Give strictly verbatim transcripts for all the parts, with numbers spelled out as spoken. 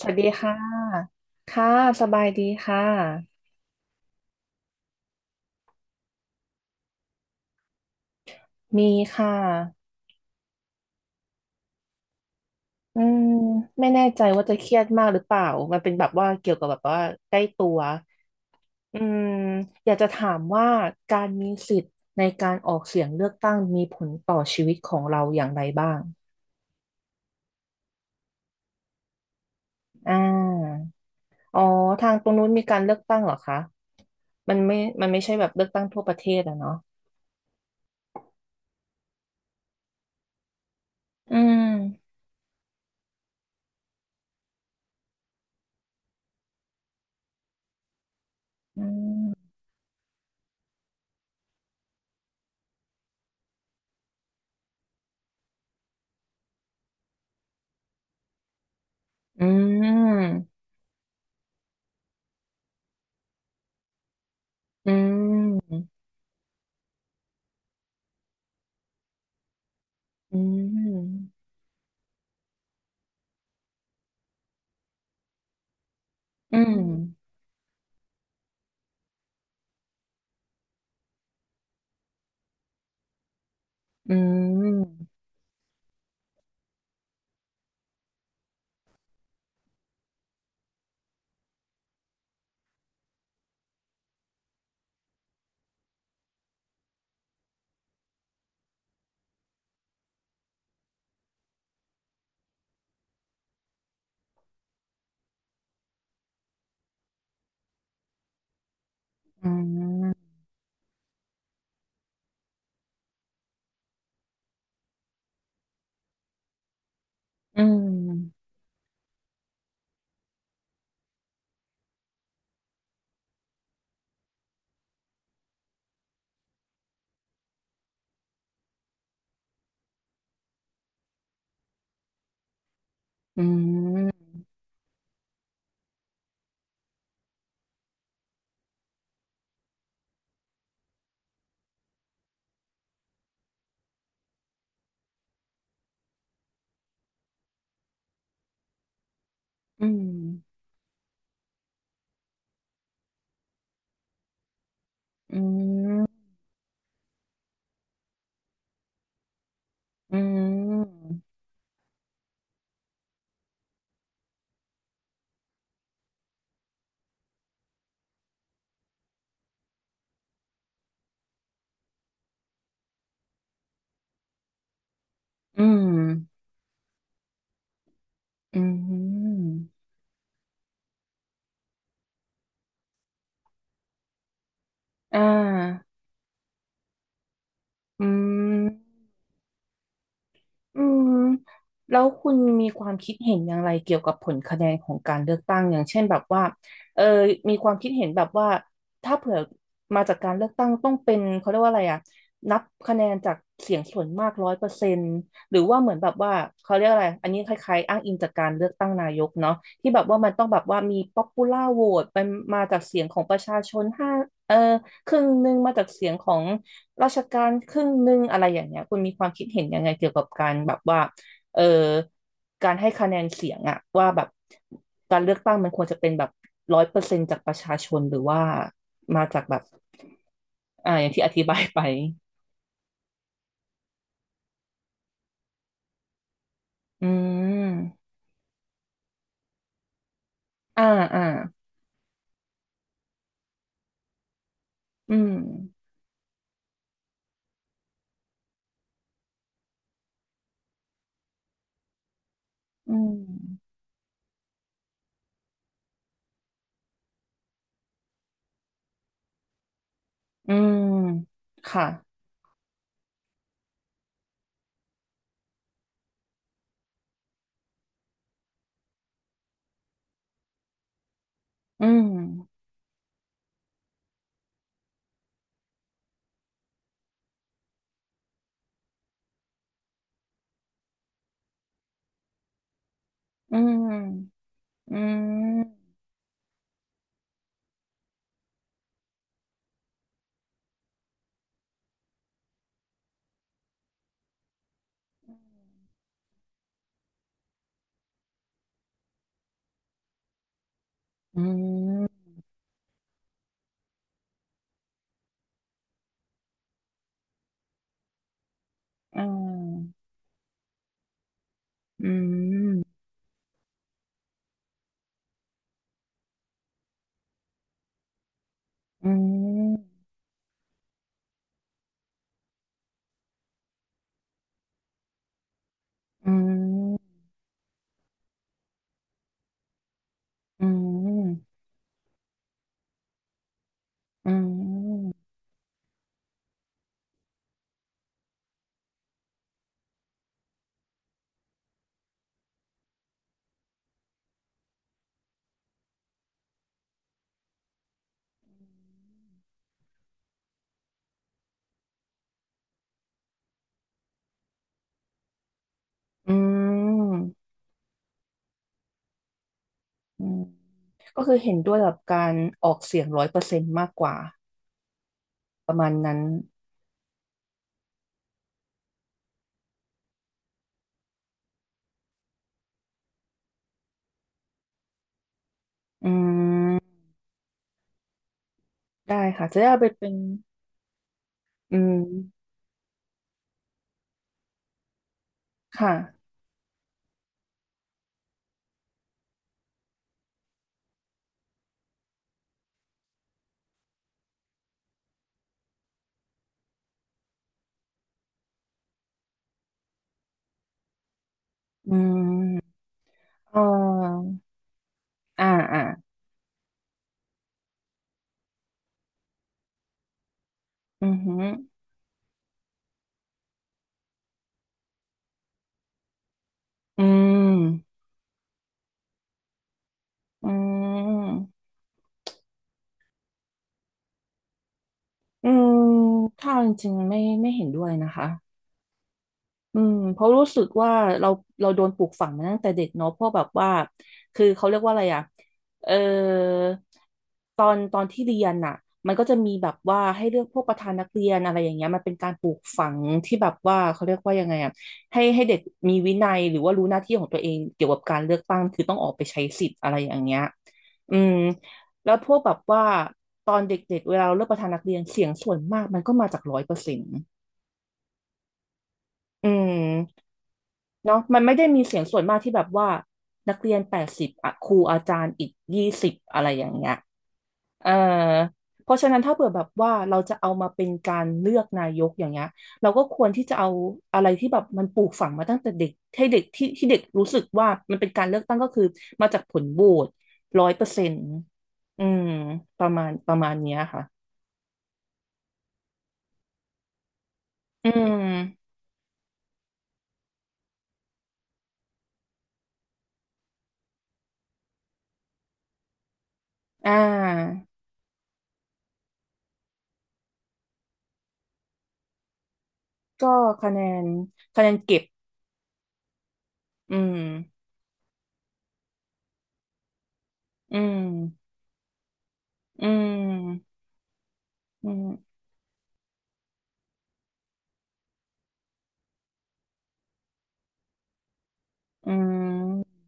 สวัสดีค่ะค่ะสบายดีค่ะมีค่ะอืมไม่แน่ใจว่าจะเครียดมากหรือเปล่ามันเป็นแบบว่าเกี่ยวกับแบบว่าใกล้ตัวอืมอยากจะถามว่าการมีสิทธิ์ในการออกเสียงเลือกตั้งมีผลต่อชีวิตของเราอย่างไรบ้างอ่าอ๋อทางตรงนู้นมีการเลือกตั้งเหรอคะมันไม่มันไม่ใช่แบบเลือกตั้งทั่วประเทศอะเนาะอืมอืมอืมอืมอืม อืมอืมอืมอืมอืมอืมอืมอืมอืมอืมอ่าอืม อืมแล้วคุณมีความคิดเห็นอย่างไรเกี่ยวกับผลคะแนนของการเลือกตั้งอย่างเช่นแบบว่าเออมีความคิดเห็นแบบว่าถ้าเผื่อมาจากการเลือกตั้งต้องเป็นเขาเรียกว่าอะไรอ่ะนับคะแนนจากเสียงส่วนมากร้อยเปอร์เซ็นต์หรือว่าเหมือนแบบว่าเขาเรียกอะไรอันนี้คล้ายๆอ้างอิงจากการเลือกตั้งนายกเนาะที่แบบว่ามันต้องแบบว่ามี popular vote เป็นมาจากเสียงของประชาชนห้าเออครึ่งหนึ่งมาจากเสียงของ ราชการครึ่งหนึ่งอะไรอย่างเงี้ยคุณมีความคิดเห็นยังไงเกี่ยวกับการแบบว่าเออการให้คะแนนเสียงอะว่าแบบการเลือกตั้งมันควรจะเป็นแบบร้อยเปอร์เซ็นต์จากประชาชนหรือว่ามาจากแบบอ่าอย่างที่อธิบายไปอืมอ่าอ่าอืมอืมอืมค่ะอืมอืมอืมอืมอ่าอืมอืมอืม อืมอืมอืมอืมก็คือเห็นด้วยกับการออกเสียงร้อยเปอร์เซ็นต์มากกว่าประมาณนั้นอืมได้ค่ะจะได้เอาไปเป็นอืมค่ะอืมเอ่ออ่า อ่าอือหืออืมอืมอืมถ้าเอาจริงๆไม่ไม่เห็นด้วยนะคะ อืมเพราะรู้สึกว่าเราเราโดนปลูกฝังมาตั้งแต่เด็กเนาะเพราะแบบว่าคือเขาเรียกว่าอะไรอ่ะเออตอนตอนที่เรียนน่ะมันก็จะมีแบบว่าให้เลือกพวกประธานนักเรียนอะไรอย่างเงี้ยมันเป็นการปลูกฝังที่แบบว่าเขาเรียกว่ายังไงอ่ะให้ให้เด็กมีวินัยหรือว่ารู้หน้าที่ของตัวเองเกี่ยวกับการเลือกตั้งคือต้องออกไปใช้สิทธิ์อะไรอย่างเงี้ยอืมแล้วพวกแบบว่าตอนเด็กๆเวลาเราเลือกประธานนักเรียนเสียงส่วนมากมันก็มาจากร้อยเปอร์เซ็นต์อืม เนาะมันไม่ได้มีเสียงส่วนมากที่แบบว่านักเรียนแปดสิบอะครูอาจารย์อีกยี่สิบอะไรอย่างเงี้ยเออเพราะฉะนั้นถ้าเผื่อแบบว่าเราจะเอามาเป็นการเลือกนายกอย่างเงี้ยเราก็ควรที่จะเอาอะไรที่แบบมันปลูกฝังมาตั้งแต่เด็กให้เด็กที่ที่เด็กรู้สึกว่ามันเป็นการเลือกตั้งก็คือมาจากผลโหวตร้อยเปอร์เซ็นต์อืมประมาณประมาณเนี้ยค่ะอืมอ่าก็คะแนนคะแนนเก็บอืมอืมอืม อืมอืม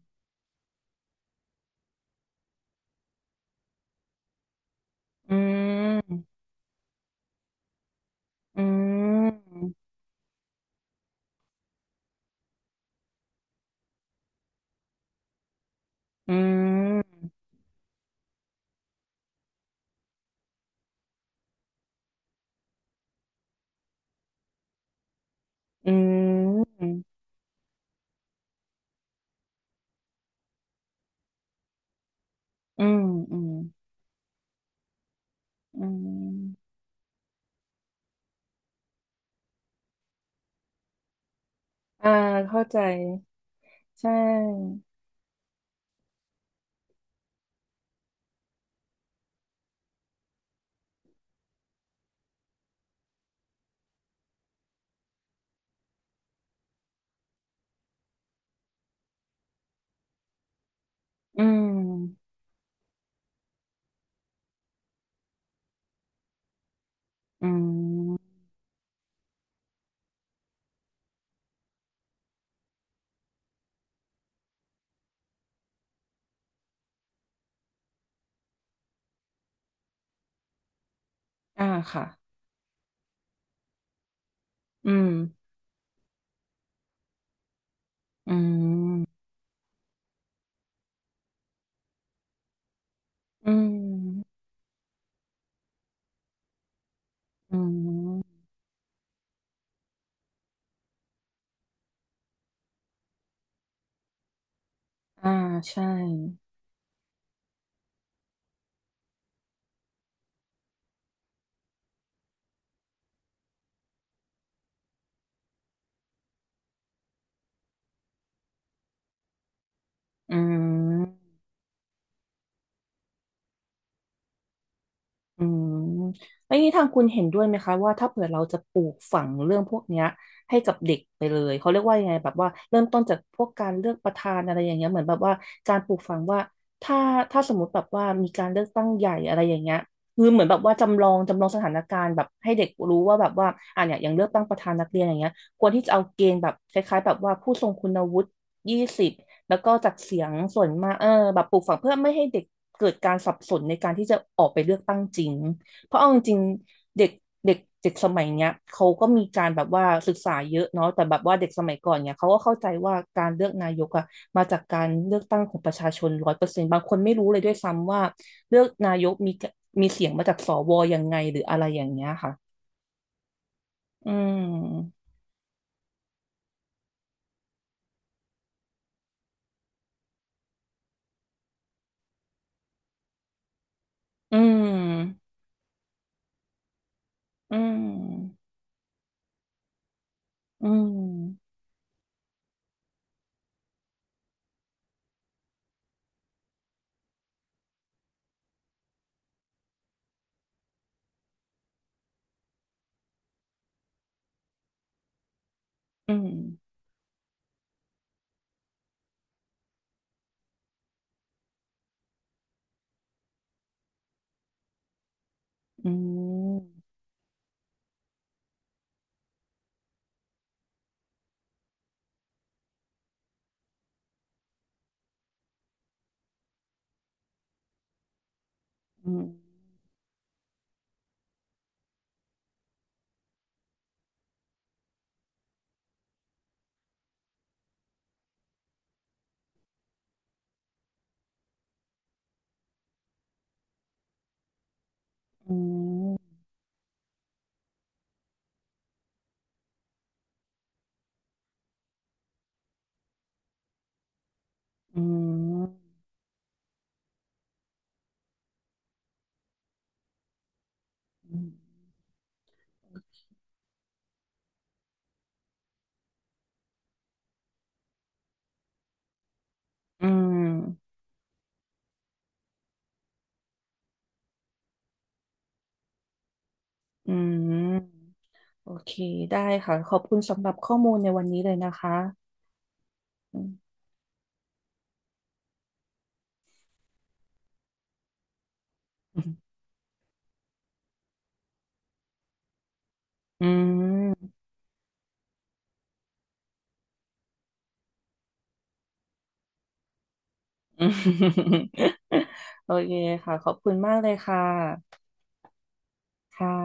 อืมอืมอืมอืมอืมอืมอืมอ่าเข้าใจใช่อืมอืมอ่าค่ะอืมอืมอืมอืมอ่าใช่อืม อืมแล้วอย่างนี้ทางคุณเห็นด้วยไหมคะว่าถ้าเผื่อเราจะปลูกฝังเรื่องพวกเนี้ยให้กับเด็กไปเลยเขาเรียกว่ายังไงแบบว่าเริ่มต้นจากพวกการเลือกประธานอะไรอย่างเงี้ยเหมือนแบบว่าการปลูกฝังว่าถ้าถ้าสมมติแบบว่ามีการเลือกตั้งใหญ่อะไรอย่างเงี้ยคือเหมือนแบบว่าจำลองจำลองสถานการณ์แบบให้เด็กรู้ว่าแบบว่าอ่ะเนี่ยอย่างเลือกตั้งประธานนักเรียนอย่างเงี้ยควรที่จะเอาเกณฑ์แบบคล้ายๆแบบว่าผู้ทรงคุณวุฒิยี่สิบ แล้วก็จากเสียงส่วนมากเออแบบปลูกฝังเพื่อไม่ให้เด็กเกิดการสับสนในการที่จะออกไปเลือกตั้งจริงเพราะเอาจริงๆเด็กเด็กเด็กสมัยเนี้ยเขาก็มีการแบบว่าศึกษาเยอะเนาะแต่แบบว่าเด็กสมัยก่อนเนี่ยเขาก็เข้าใจว่าการเลือกนายกอะมาจากการเลือกตั้งของประชาชนร้อยเปอร์เซ็นต์บางคนไม่รู้เลยด้วยซ้ำว่าเลือกนายกมีมีเสียงมาจากสวยังไงหรืออะไรอย่างเงี้ยค่ะอืมอืมอืมอืมอืมอืมอืม อืม อืม อืม อืม โอเค ได้ค่ะ ขอบคุณสำหรับข้อมูลในวันนี้เลยนะคะ อืม อืมอืมโอเคค่ะขอบคุณมากเลยค่ะ ค่ะ